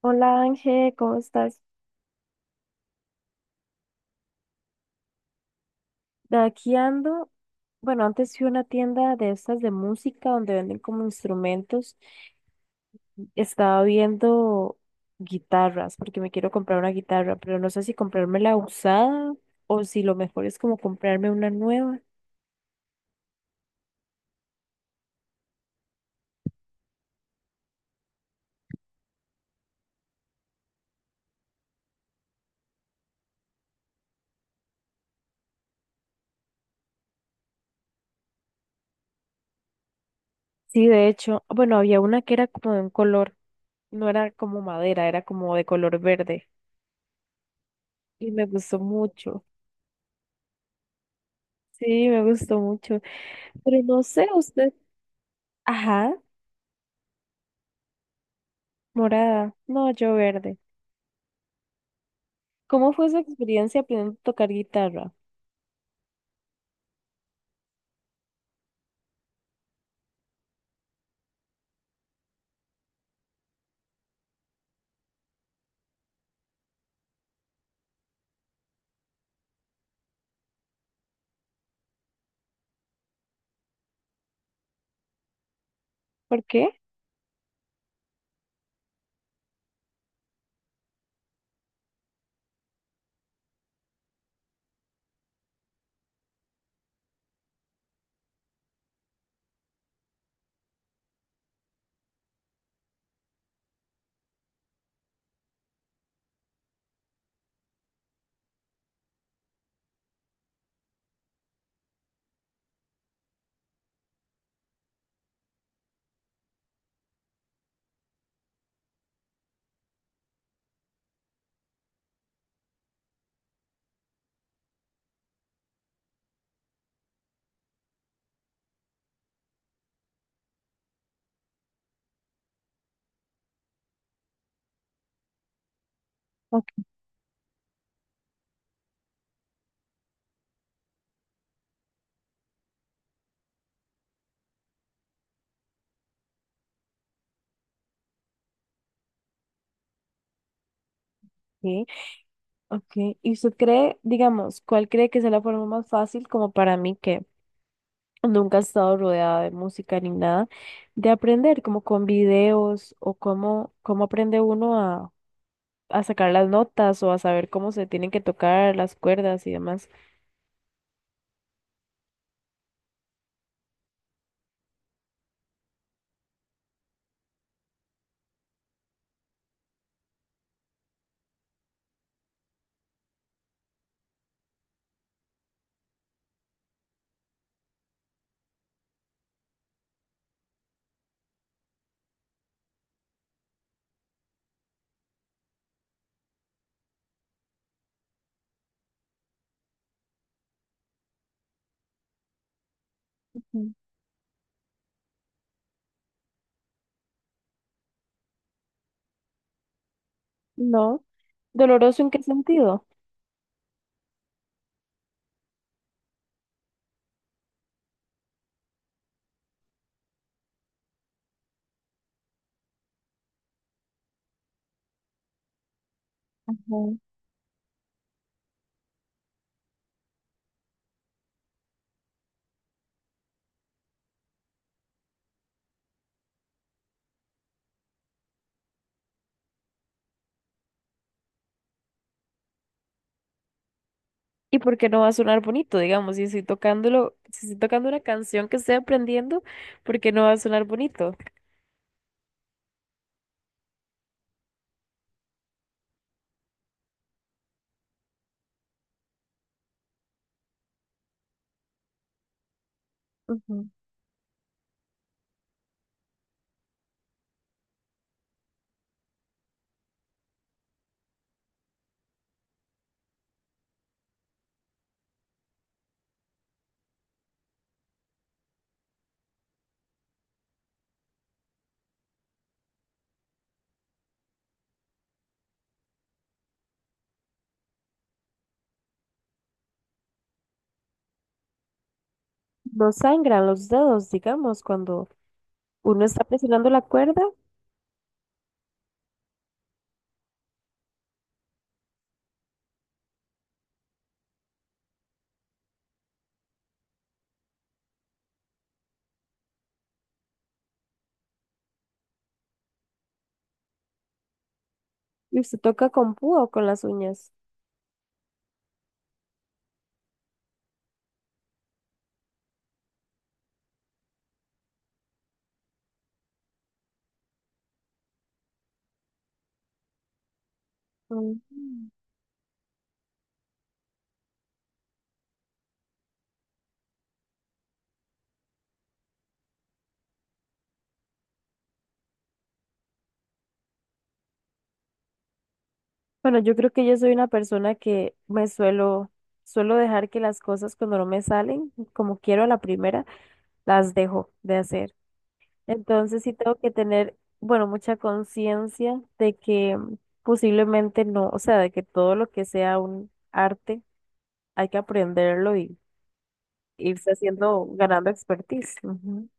Hola, Ángel, ¿cómo estás? Aquí ando. Bueno, antes fui a una tienda de estas de música donde venden como instrumentos. Estaba viendo guitarras porque me quiero comprar una guitarra, pero no sé si comprarme la usada o si lo mejor es como comprarme una nueva. Sí, de hecho, bueno, había una que era como de un color, no era como madera, era como de color verde y me gustó mucho. Sí, me gustó mucho, pero no sé, usted, ajá, morada, no, yo verde. ¿Cómo fue su experiencia aprendiendo a tocar guitarra? ¿Por qué? Ok. Ok. ¿Y usted cree, digamos, cuál cree que sea la forma más fácil como para mí que nunca he estado rodeada de música ni nada, de aprender, como con videos o cómo, cómo aprende uno a sacar las notas o a saber cómo se tienen que tocar las cuerdas y demás? Ujú. No. ¿Doloroso en qué sentido? Y porque no va a sonar bonito, digamos, si estoy tocándolo, si estoy tocando una canción que estoy aprendiendo, porque no va a sonar bonito. Ujú. No sangran los dedos, digamos, cuando uno está presionando la cuerda. ¿Y usted toca con púa o con las uñas? Ujú. Bueno, yo creo que yo soy una persona que me suelo, suelo dejar que las cosas cuando no me salen, como quiero a la primera, las dejo de hacer. Entonces sí tengo que tener, bueno, mucha conciencia de que posiblemente no, o sea, de que todo lo que sea un arte hay que aprenderlo y irse haciendo, ganando expertise. Ujú.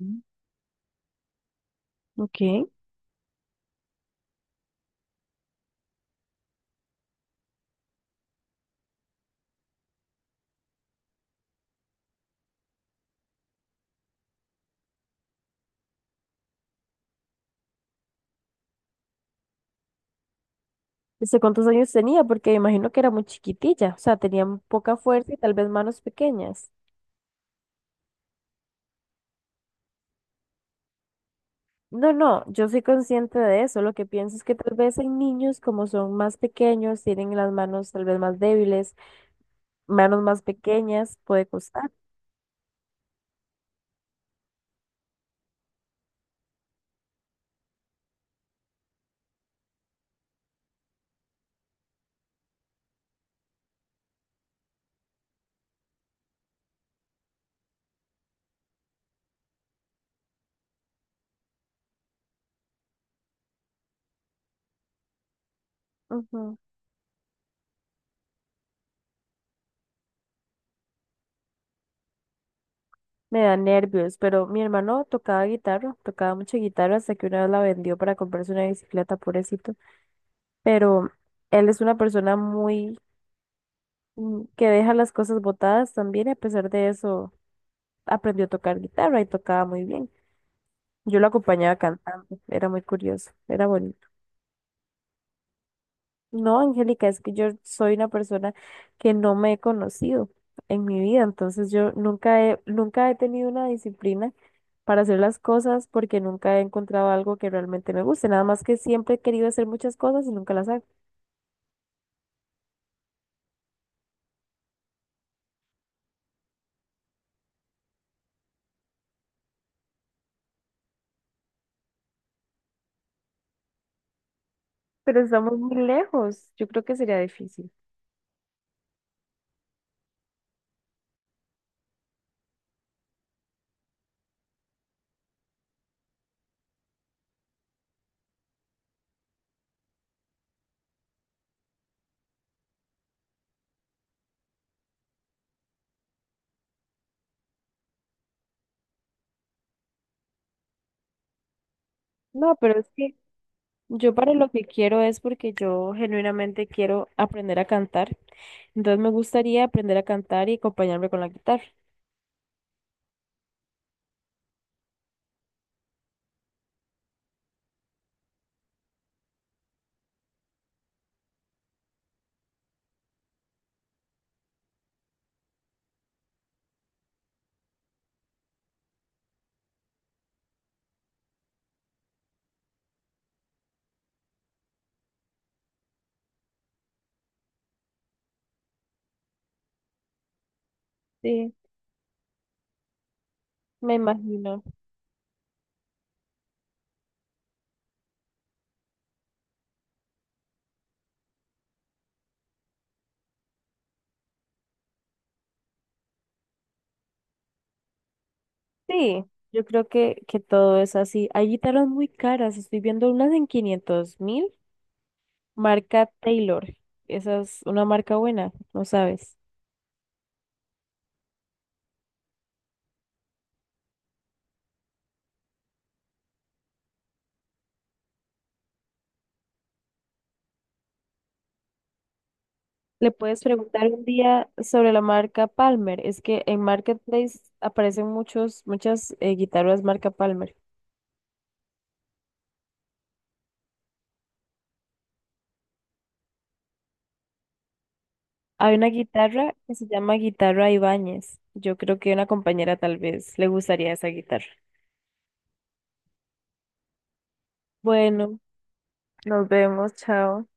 Ujú. Ok. ¿Desde cuántos años tenía? Porque me imagino que era muy chiquitilla, o sea, tenía poca fuerza y tal vez manos pequeñas. No, no, yo soy consciente de eso. Lo que pienso es que tal vez hay niños como son más pequeños, tienen las manos tal vez más débiles, manos más pequeñas puede costar. Ujú. Me da nervios, pero mi hermano tocaba guitarra, tocaba mucha guitarra hasta que una vez la vendió para comprarse una bicicleta, pobrecito. Pero él es una persona muy que deja las cosas botadas también, y a pesar de eso aprendió a tocar guitarra y tocaba muy bien. Yo lo acompañaba cantando, era muy curioso, era bonito. No, Angélica, es que yo soy una persona que no me he conocido en mi vida, entonces yo nunca he tenido una disciplina para hacer las cosas porque nunca he encontrado algo que realmente me guste, nada más que siempre he querido hacer muchas cosas y nunca las hago. Pero estamos muy lejos, yo creo que sería difícil. No, pero es que yo para lo que quiero es porque yo genuinamente quiero aprender a cantar. Entonces me gustaría aprender a cantar y acompañarme con la guitarra. Sí, me imagino. Sí, yo creo que todo es así. Hay guitarras muy caras. Estoy viendo unas en 500.000, marca Taylor. Esa es una marca buena, no sabes. Le puedes preguntar un día sobre la marca Palmer. Es que en Marketplace aparecen muchos, muchas guitarras marca Palmer. Hay una guitarra que se llama Guitarra Ibáñez. Yo creo que una compañera tal vez le gustaría esa guitarra. Bueno, nos vemos, chao.